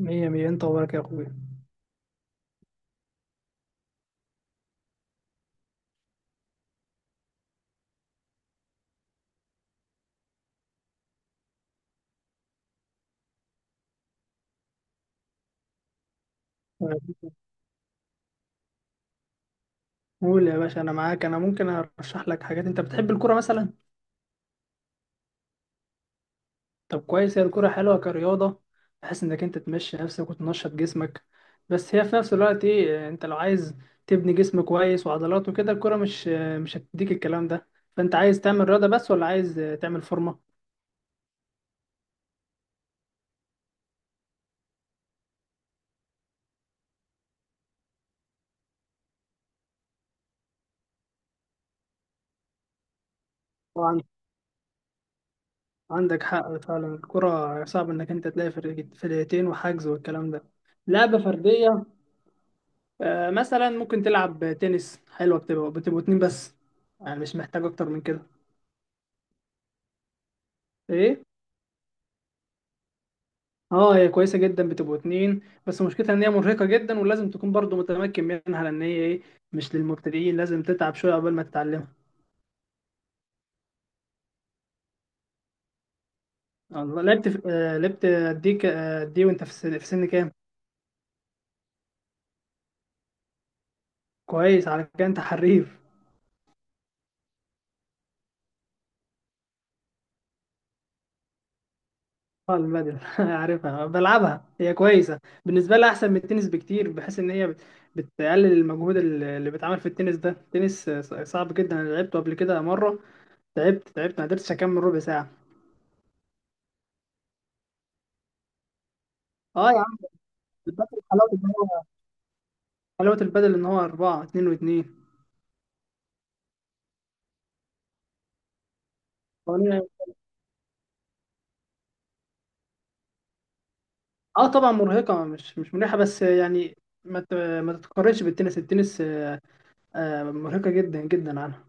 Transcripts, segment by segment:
مية مية، انت وراك يا اخويا. قول يا باشا، انا معاك. انا ممكن ارشح لك حاجات. انت بتحب الكرة مثلا؟ طب كويس، هي الكرة حلوة كرياضة، بحيث انك انت تمشي نفسك وتنشط جسمك. بس هي في نفس الوقت ايه، انت لو عايز تبني جسم كويس وعضلات وكده الكرة مش هتديك الكلام ده. فانت عايز تعمل رياضة بس ولا عايز تعمل فورمة؟ طبعا، عندك حق فعلا. الكرة صعب انك انت تلاقي فرقتين وحجز والكلام ده. لعبة فردية، مثلا ممكن تلعب تنس. حلوة، بتبقوا اتنين بس، يعني مش محتاج اكتر من كده. ايه، اه هي كويسة جدا، بتبقوا اتنين. بس مشكلتها ان هي مرهقة جدا، ولازم تكون برضو متمكن منها، لان هي ايه، مش للمبتدئين. لازم تتعب شوية قبل ما تتعلمها. الله، لعبت. دي ك... آه، دي وانت في في سن كام؟ كويس، على كده انت حريف. اه البادل، عارفها بلعبها، هي كويسه. بالنسبه لي احسن من التنس بكتير، بحيث ان هي بتقلل المجهود اللي بيتعمل في التنس ده. التنس صعب جدا، انا لعبته قبل كده مره. تعبت ما قدرتش اكمل ربع ساعه. اه يا عم، البادل حلاوه البادل ان هو اربعه، اتنين واتنين. وأنا- اه طبعا مرهقه، مش مريحه، بس يعني ما ت- ما تتقارنش بالتنس. التنس، مرهقه جدا جدا عنها.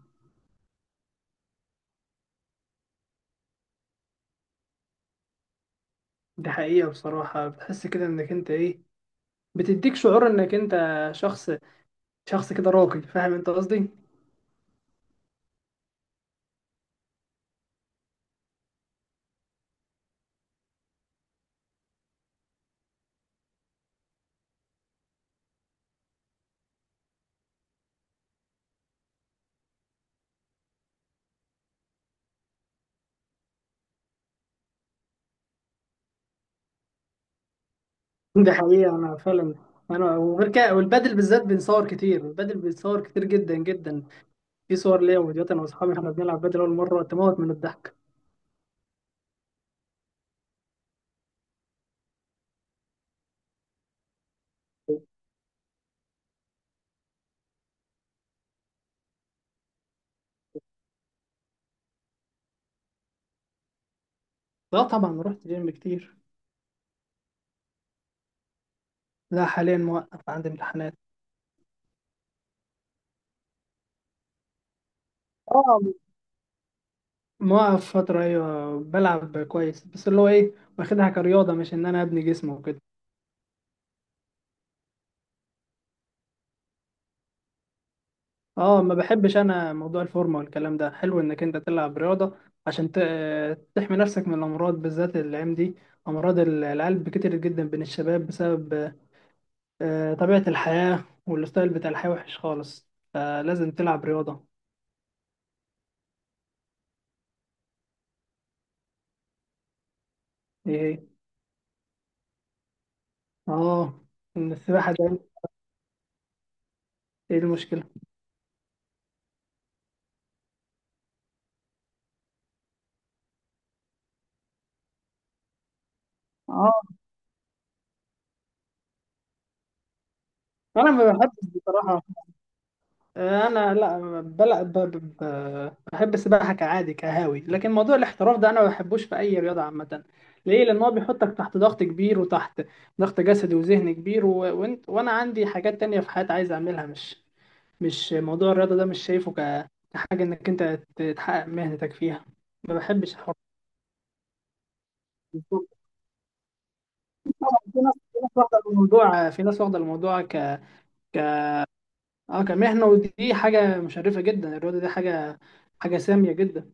دي حقيقه، بصراحه بتحس كده انك انت ايه، بتديك شعور انك انت شخص شخص كده راقي، فاهم انت قصدي؟ دي حقيقة، أنا فعلا. أنا وغير كده والبادل بالذات بنصور كتير. البادل بنصور كتير جدا جدا. في صور ليا وفيديوهات أنا وأصحابي إحنا بنلعب بادل أول مرة، تموت من الضحك. لا طبعا، رحت جيم كتير. لا، حاليا موقف، عندي امتحانات. اه، موقف فترة، أيوة بلعب كويس، بس اللي هو إيه، واخدها كرياضة، مش إن أنا أبني جسم وكده. اه، ما بحبش انا موضوع الفورمه والكلام ده. حلو انك انت تلعب رياضه عشان تحمي نفسك من الامراض، بالذات الايام دي. امراض القلب كتير جدا بين الشباب، بسبب طبيعه الحياه، والستايل بتاع الحياه وحش خالص. فلازم تلعب رياضه. ايه. اه. ان السباحه ده، ايه المشكله؟ اه، انا ما بحبش بصراحه. انا لا بلا ب... ب... ب- بحب السباحه كعادي كهاوي، لكن موضوع الاحتراف ده انا ما بحبوش في اي رياضه عامه. ليه؟ لان هو بيحطك تحت ضغط كبير، وتحت ضغط جسدي وذهني كبير، وانا عندي حاجات تانية في حياتي عايز اعملها. مش موضوع الرياضه ده مش شايفه كحاجه انك انت تحقق مهنتك فيها. ما بحبش الحوار ده. في ناس واخده الموضوع اه كمهنه، ودي حاجه مشرفه جدا. الرياضه دي حاجه، حاجه ساميه جدا.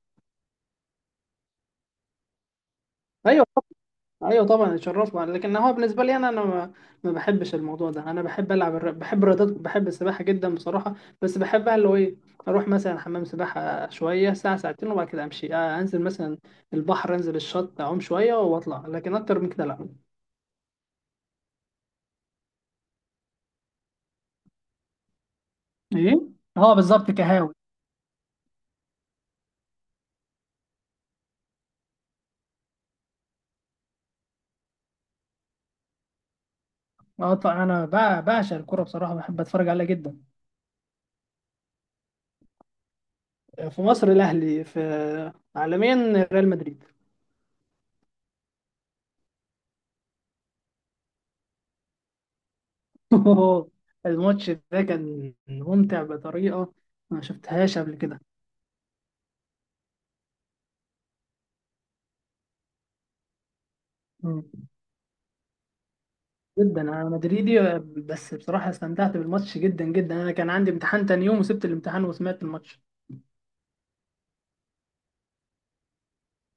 ايوه، ايوه طبعا، اتشرفنا. لكن هو بالنسبه لي انا، انا ما بحبش الموضوع ده. انا بحب العب بحب الرياضات. بحب السباحه جدا بصراحه، بس بحبها اللي هو ايه، اروح مثلا حمام سباحه شويه، ساعه ساعتين، وبعد كده امشي. انزل مثلا البحر، انزل الشط، اعوم شويه واطلع، لكن اكتر من كده لا. ايه. اه بالظبط، كهاوي. اه طبعا، انا بعشق الكوره بصراحه، بحب اتفرج عليها جدا. في مصر الاهلي، في عالميا ريال مدريد. أوه، الماتش ده كان ممتع بطريقه ما شفتهاش قبل كده. مم. جدا انا مدريدي، بس بصراحه استمتعت بالماتش جدا جدا. انا كان عندي امتحان تاني يوم، وسبت الامتحان وسمعت الماتش.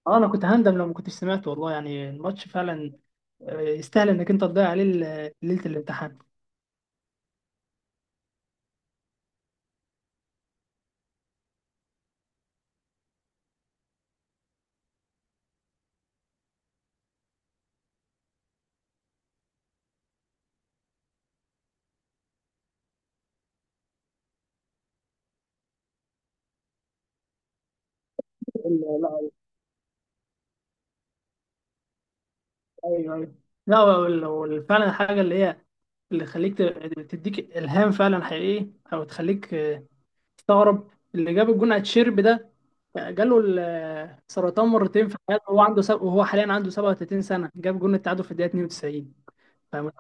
اه، انا كنت هندم لو ما كنتش سمعت، والله يعني. الماتش فعلا يستاهل انك انت تضيع عليه ليله الامتحان. لا. ايوه، ايوه. لا فعلا الحاجه اللي هي اللي تخليك تديك الهام فعلا حقيقي، او تخليك تستغرب اللي جاب الجون على تشيرب ده. جاله السرطان مرتين في حياته، وهو عنده وهو حاليا عنده 37 سنه، جاب جون التعادل في الدقيقه 92. فاهم؟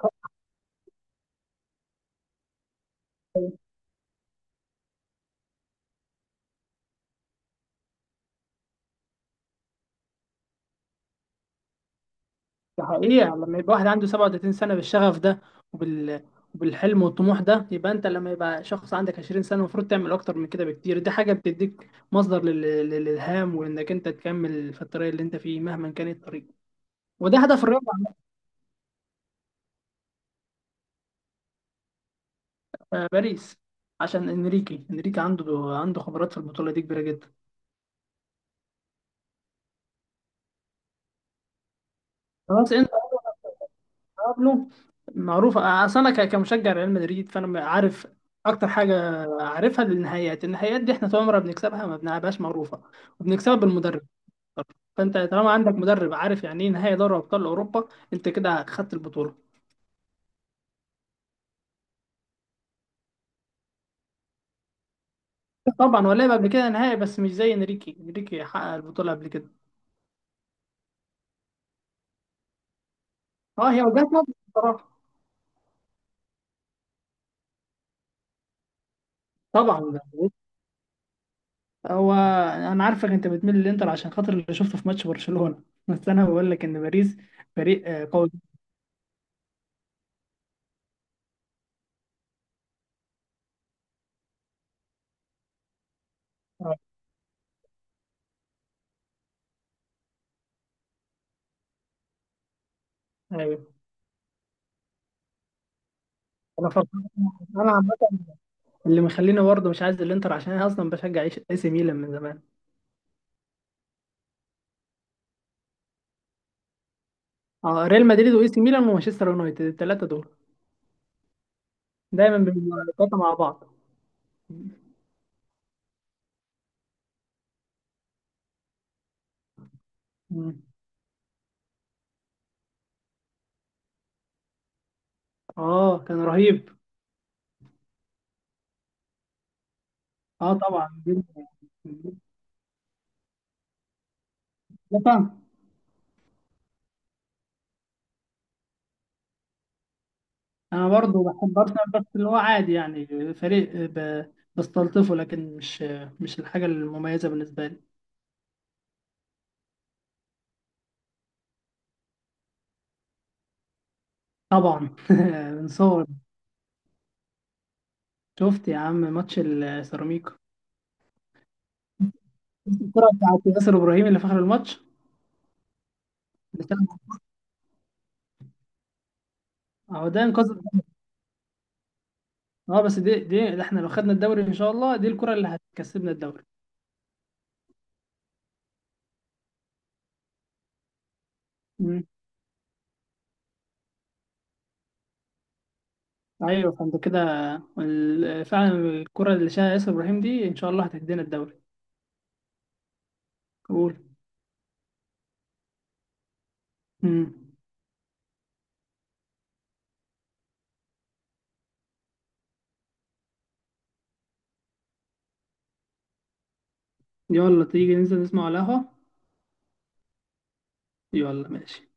ده حقيقة، لما يبقى واحد عنده 37 سنة بالشغف ده وبال... وبالحلم والطموح ده، يبقى انت لما يبقى شخص عندك 20 سنة المفروض تعمل اكتر من كده بكتير. دي حاجة بتديك مصدر للالهام، وانك انت تكمل في الطريق اللي انت فيه مهما كان الطريق. وده هدف الرابع. باريس. عشان انريكي عنده خبرات في البطولة دي كبيرة جدا. خلاص. بابلو معروف. اصل انا كمشجع ريال مدريد، فانا عارف. اكتر حاجه عارفها للنهائيات، النهائيات دي احنا طول عمرنا بنكسبها ما بنلعبهاش. معروفه، وبنكسبها بالمدرب. فانت طالما عندك مدرب عارف يعني ايه نهائي دوري ابطال اوروبا، انت كده خدت البطوله. طبعا هو لعب قبل كده نهائي، بس مش زي انريكي. انريكي حقق البطوله قبل كده. اه هي وجهه نظر بصراحه. طبعا ده، هو، انا عارفك انت بتميل للانتر عشان خاطر اللي شفته في ماتش برشلونه. بس انا بقول لك ان باريس فريق قوي. أيوة. انا فرحان، انا عامه، اللي مخليني برضه مش عايز الانتر عشان انا اصلا بشجع اي إي سي ميلان من زمان. اه، ريال مدريد واي سي ميلان ومانشستر يونايتد، الثلاثه دول دايما بيبقوا التلاتة مع بعض. مم. اه كان رهيب. اه طبعا جداً. لا طبعا. انا برضه بحب ارسنال، بس اللي هو عادي، يعني فريق بستلطفه، لكن مش الحاجه المميزه بالنسبه لي. طبعا من صغري. شفت يا عم ماتش السيراميكا؟ الكره بتاعت ياسر ابراهيم اللي في اخر الماتش. اهو ده انقاذ. اه بس دي ده احنا لو خدنا الدوري ان شاء الله، دي الكرة اللي هتكسبنا الدوري. مم. ايوه، فانت كده فعلا الكرة اللي شاها ياسر ابراهيم دي ان شاء الله هتدينا الدوري. قول. مم. يلا، تيجي ننزل نسمع على القهوة. يلا ماشي.